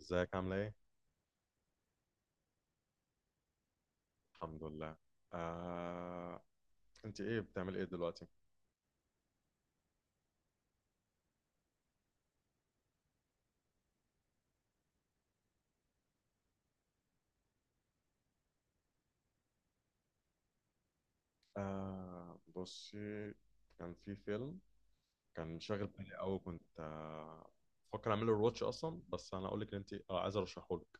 ازيك عاملة ايه؟ الحمد لله. آه، انت ايه بتعملي ايه دلوقتي؟ بصي، كان في فيلم كان شاغل بالي قوي، كنت بفكر اعمله الواتش اصلا. بس انا اقول لك ان انت عايز ارشحه لك،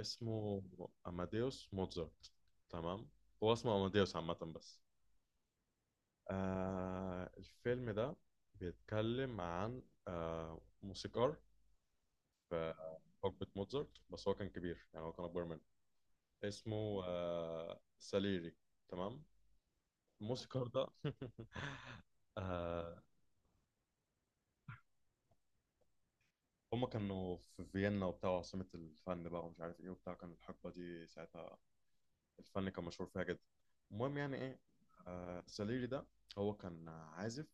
اسمه اماديوس موتزارت. تمام، هو اسمه اماديوس عامة بس. الفيلم ده بيتكلم عن موسيقار في حقبة موتزارت، بس هو كان كبير، يعني هو كان اكبر منه. اسمه ساليري. تمام، الموسيقار ده آه، هما كانوا في فيينا وبتاع، عاصمة الفن بقى ومش عارف ايه وبتاع، كان الحقبة دي ساعتها الفن كان مشهور فيها جدا. المهم، يعني ايه، ساليري ده، هو كان عازف،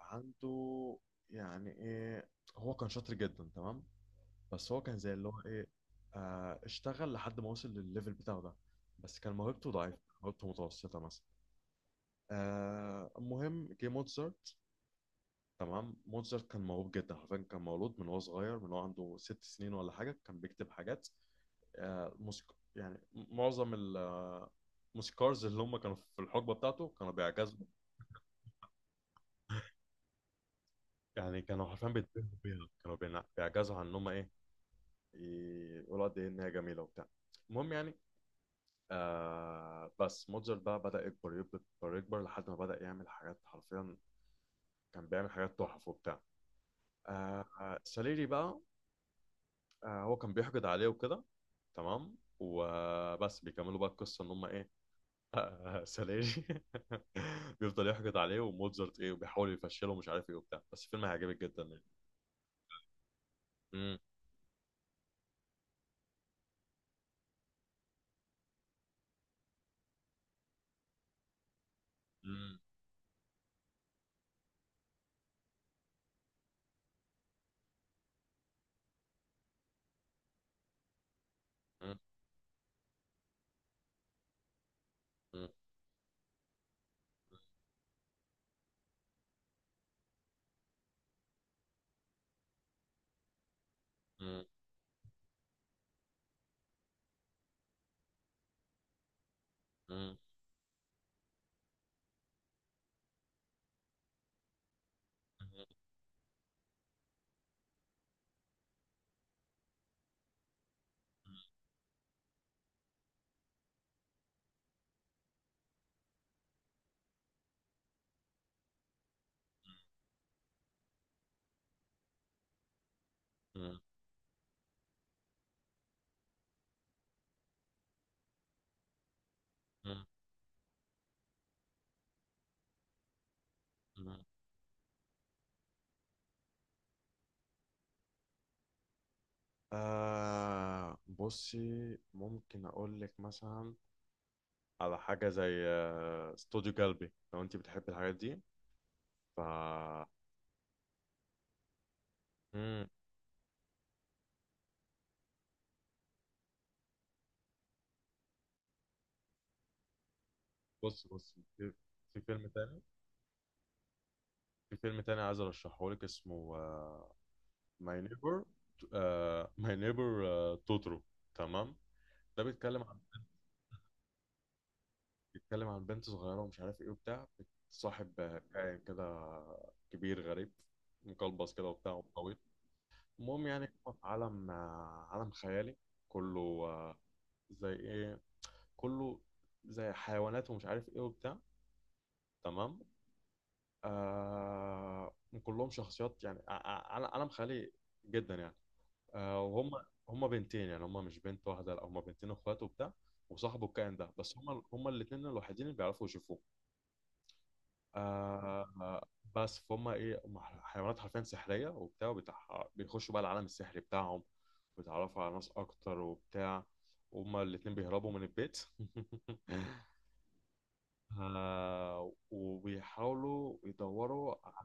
عنده يعني ايه، هو كان شاطر جدا. تمام، بس هو كان زي اللي هو ايه، اشتغل لحد ما وصل للليفل بتاعه ده، بس كان موهبته ضعيفة، موهبته متوسطة مثلا. المهم، جه موتسارت. تمام، موتزارت كان موهوب جدا، حرفيا كان مولود من وهو صغير، من وهو عنده 6 سنين ولا حاجه كان بيكتب حاجات. موسيق، يعني معظم الموسيقارز اللي هم كانوا في الحقبه بتاعته كانوا بيعجزوا. يعني كانوا حرفيا بيتبهروا بيها، كانوا بيعجزوا عن ان هم ايه، يقولوا قد ايه ان هي جميله وبتاع. المهم يعني، بس موتزارت بقى بدأ يكبر يكبر يكبر لحد ما بدأ يعمل حاجات حرفيا، كان بيعمل حاجات تحف وبتاع. ساليري بقى، هو كان بيحقد عليه وكده. تمام، وبس بيكملوا بقى القصه ان هم ايه، سلاجي بيفضل يحقد عليه، وموتزارت ايه، وبيحاول يفشله ومش عارف ايه وبتاع. بس الفيلم هيعجبك جدا يعني. مم، مم، مم، مم، مم، مم، مم، مم، مم. بصي، ممكن اقول لك مثلا على حاجه زي استوديو جلبي لو انت بتحبي الحاجات دي، ف... مم. بص بص، في فيلم تاني، عايز ارشحه لك، اسمه ماي نيبر، ماي نيبر توترو. تمام، ده بيتكلم عن، بنت صغيره ومش عارف ايه وبتاع، صاحب كائن كده، كبير غريب مقلبص كده وبتاع وطويل. المهم يعني، هو في عالم عالم خيالي، كله زي ايه، كله زي حيوانات ومش عارف ايه وبتاع. تمام، آه كلهم شخصيات، يعني عالم خيالي جدا يعني. وهم هم بنتين، يعني هم مش بنت واحده، لا هم بنتين اخوات وبتاع، وصاحبه الكائن ده. بس هم الاثنين الوحيدين اللي بيعرفوا يشوفوه. آه آه، بس فهم ايه، هم حيوانات حرفيا سحريه وبتاع، بيخشوا بقى العالم السحري بتاعهم، ويتعرفوا على ناس اكتر وبتاع. هما الاثنين بيهربوا من البيت وبيحاولوا يدوروا ع-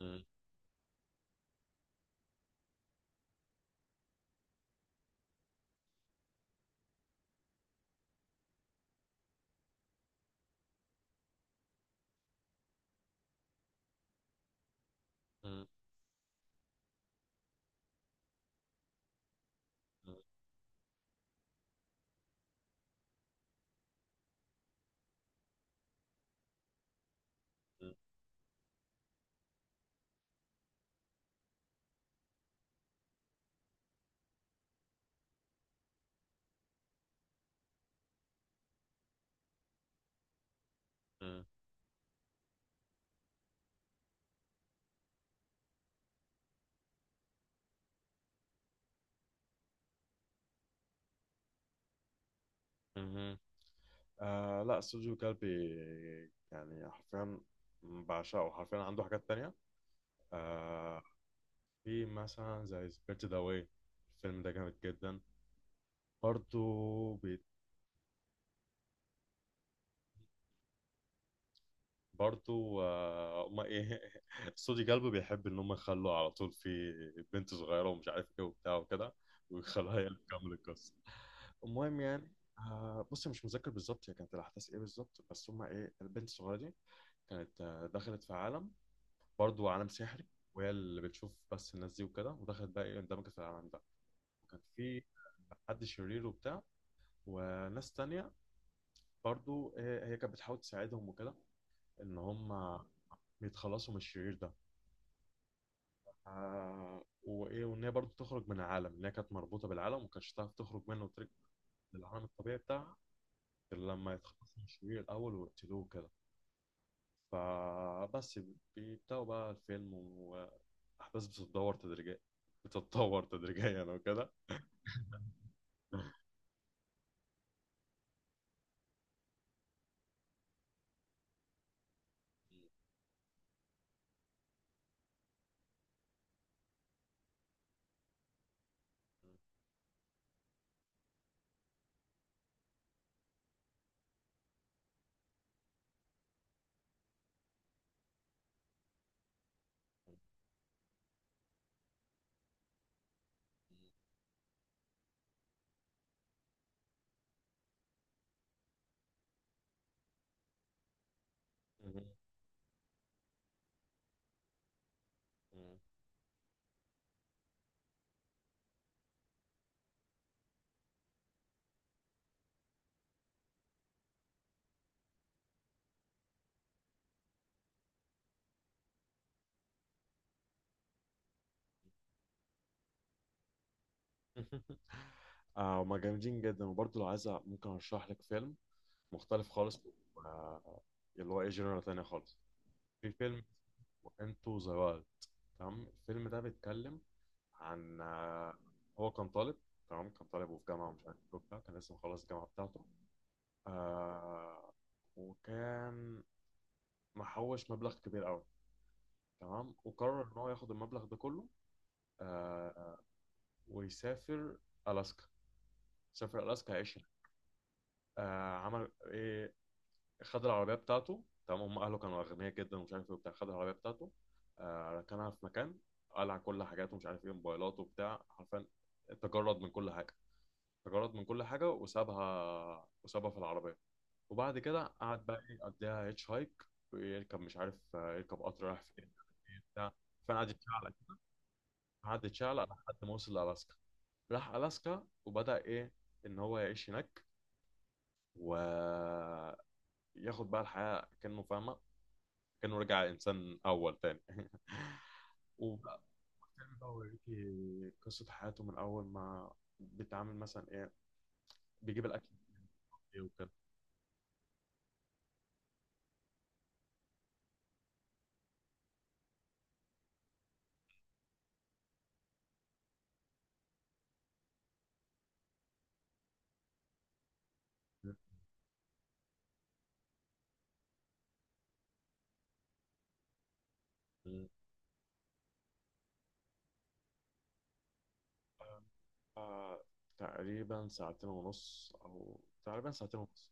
م- م- م- م- م- آه لا، استوديو كلبي يعني حرفيا بعشقه حرفيا. عنده حاجات تانية آه، في مثلا زي سبيرت ذا واي، الفيلم ده جامد جدا. برضو برضو آه ما ايه استوديو كلبي بيحب ان هم يخلوا على طول في بنت صغيرة ومش عارف ايه وبتاع وكده، ويخلوها هي اللي تكمل القصة. المهم يعني، بص، مش متذكر بالظبط هي كانت الاحداث ايه بالظبط، بس هم ايه، البنت الصغيرة دي كانت دخلت في عالم، برضو عالم سحري، وهي اللي بتشوف بس الناس دي وكده، ودخلت بقى ايه اندمجت في العالم ده. وكان في حد شرير وبتاع، وناس تانية برضو إيه، هي كانت بتحاول تساعدهم وكده، ان هم يتخلصوا من الشرير ده. وايه، وان هي برضو تخرج من العالم، ان هي كانت مربوطة بالعالم وما كانتش تعرف تخرج منه وترجع للعالم الطبيعي بتاعها غير لما يتخلصوا من الشرير الاول ويقتلوه كده. فبس بيبدأوا بقى الفيلم، واحداث بتتدور تدريجيا، بتتطور تدريجيا وكده هما جامدين جدا، وبرضه لو عايز ممكن ارشح لك فيلم مختلف خالص، آه اللي هو ايه، جنرال تانية خالص. في فيلم انتو ذا وايلد، تمام. الفيلم ده بيتكلم عن آه، هو كان طالب، تمام كان طالب وفي جامعة ومش عارف ايه وبتاع، كان لسه مخلص الجامعة بتاعته. آه وكان محوش مبلغ كبير قوي، تمام، وقرر ان هو ياخد المبلغ ده كله. آه ويسافر الاسكا، سافر الاسكا 10. عمل ايه، خد العربيه بتاعته، تمام هم اهله كانوا اغنياء جدا ومش عارف ايه وبتاع. خد العربيه بتاعته، ركنها في مكان، قلع كل حاجاته مش عارف ايه موبايلاته وبتاع، حرفيا تجرد من كل حاجه تجرد من كل حاجه، وسابها في العربيه. وبعد كده قعد بقى ايه يقضيها هيتش هايك، يركب مش عارف يركب قطر رايح فين، مش عارف إيه بتاع. فانا قعد يتشعلق كده، قعد يتشعلق لحد ما وصل لألاسكا. راح ألاسكا وبدأ إيه، إن هو يعيش هناك، و ياخد بقى الحياة كأنه فاهمة، كأنه رجع إنسان أول تاني وبقى بيكتمل بقى ويوريكي قصة حياته من أول ما بيتعامل مثلا إيه، بيجيب الأكل إيه وكده. مم. آه، تقريبا ساعتين ونص، أو تقريبا ساعتين ونص.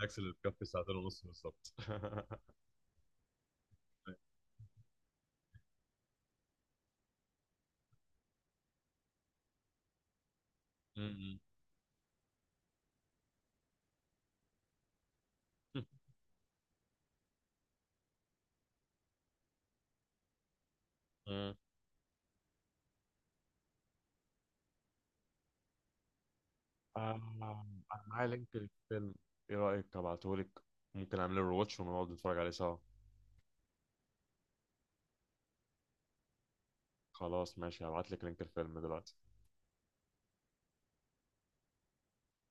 عكس اللي بكفي ساعتين ونص بالظبط مم. مم. آه، أنا معايا لينك للفيلم، إيه رأيك أبعتهولك؟ ممكن أعمل له رواتش ونقعد نتفرج عليه سوا. خلاص ماشي، هبعت لك لينك الفيلم دلوقتي.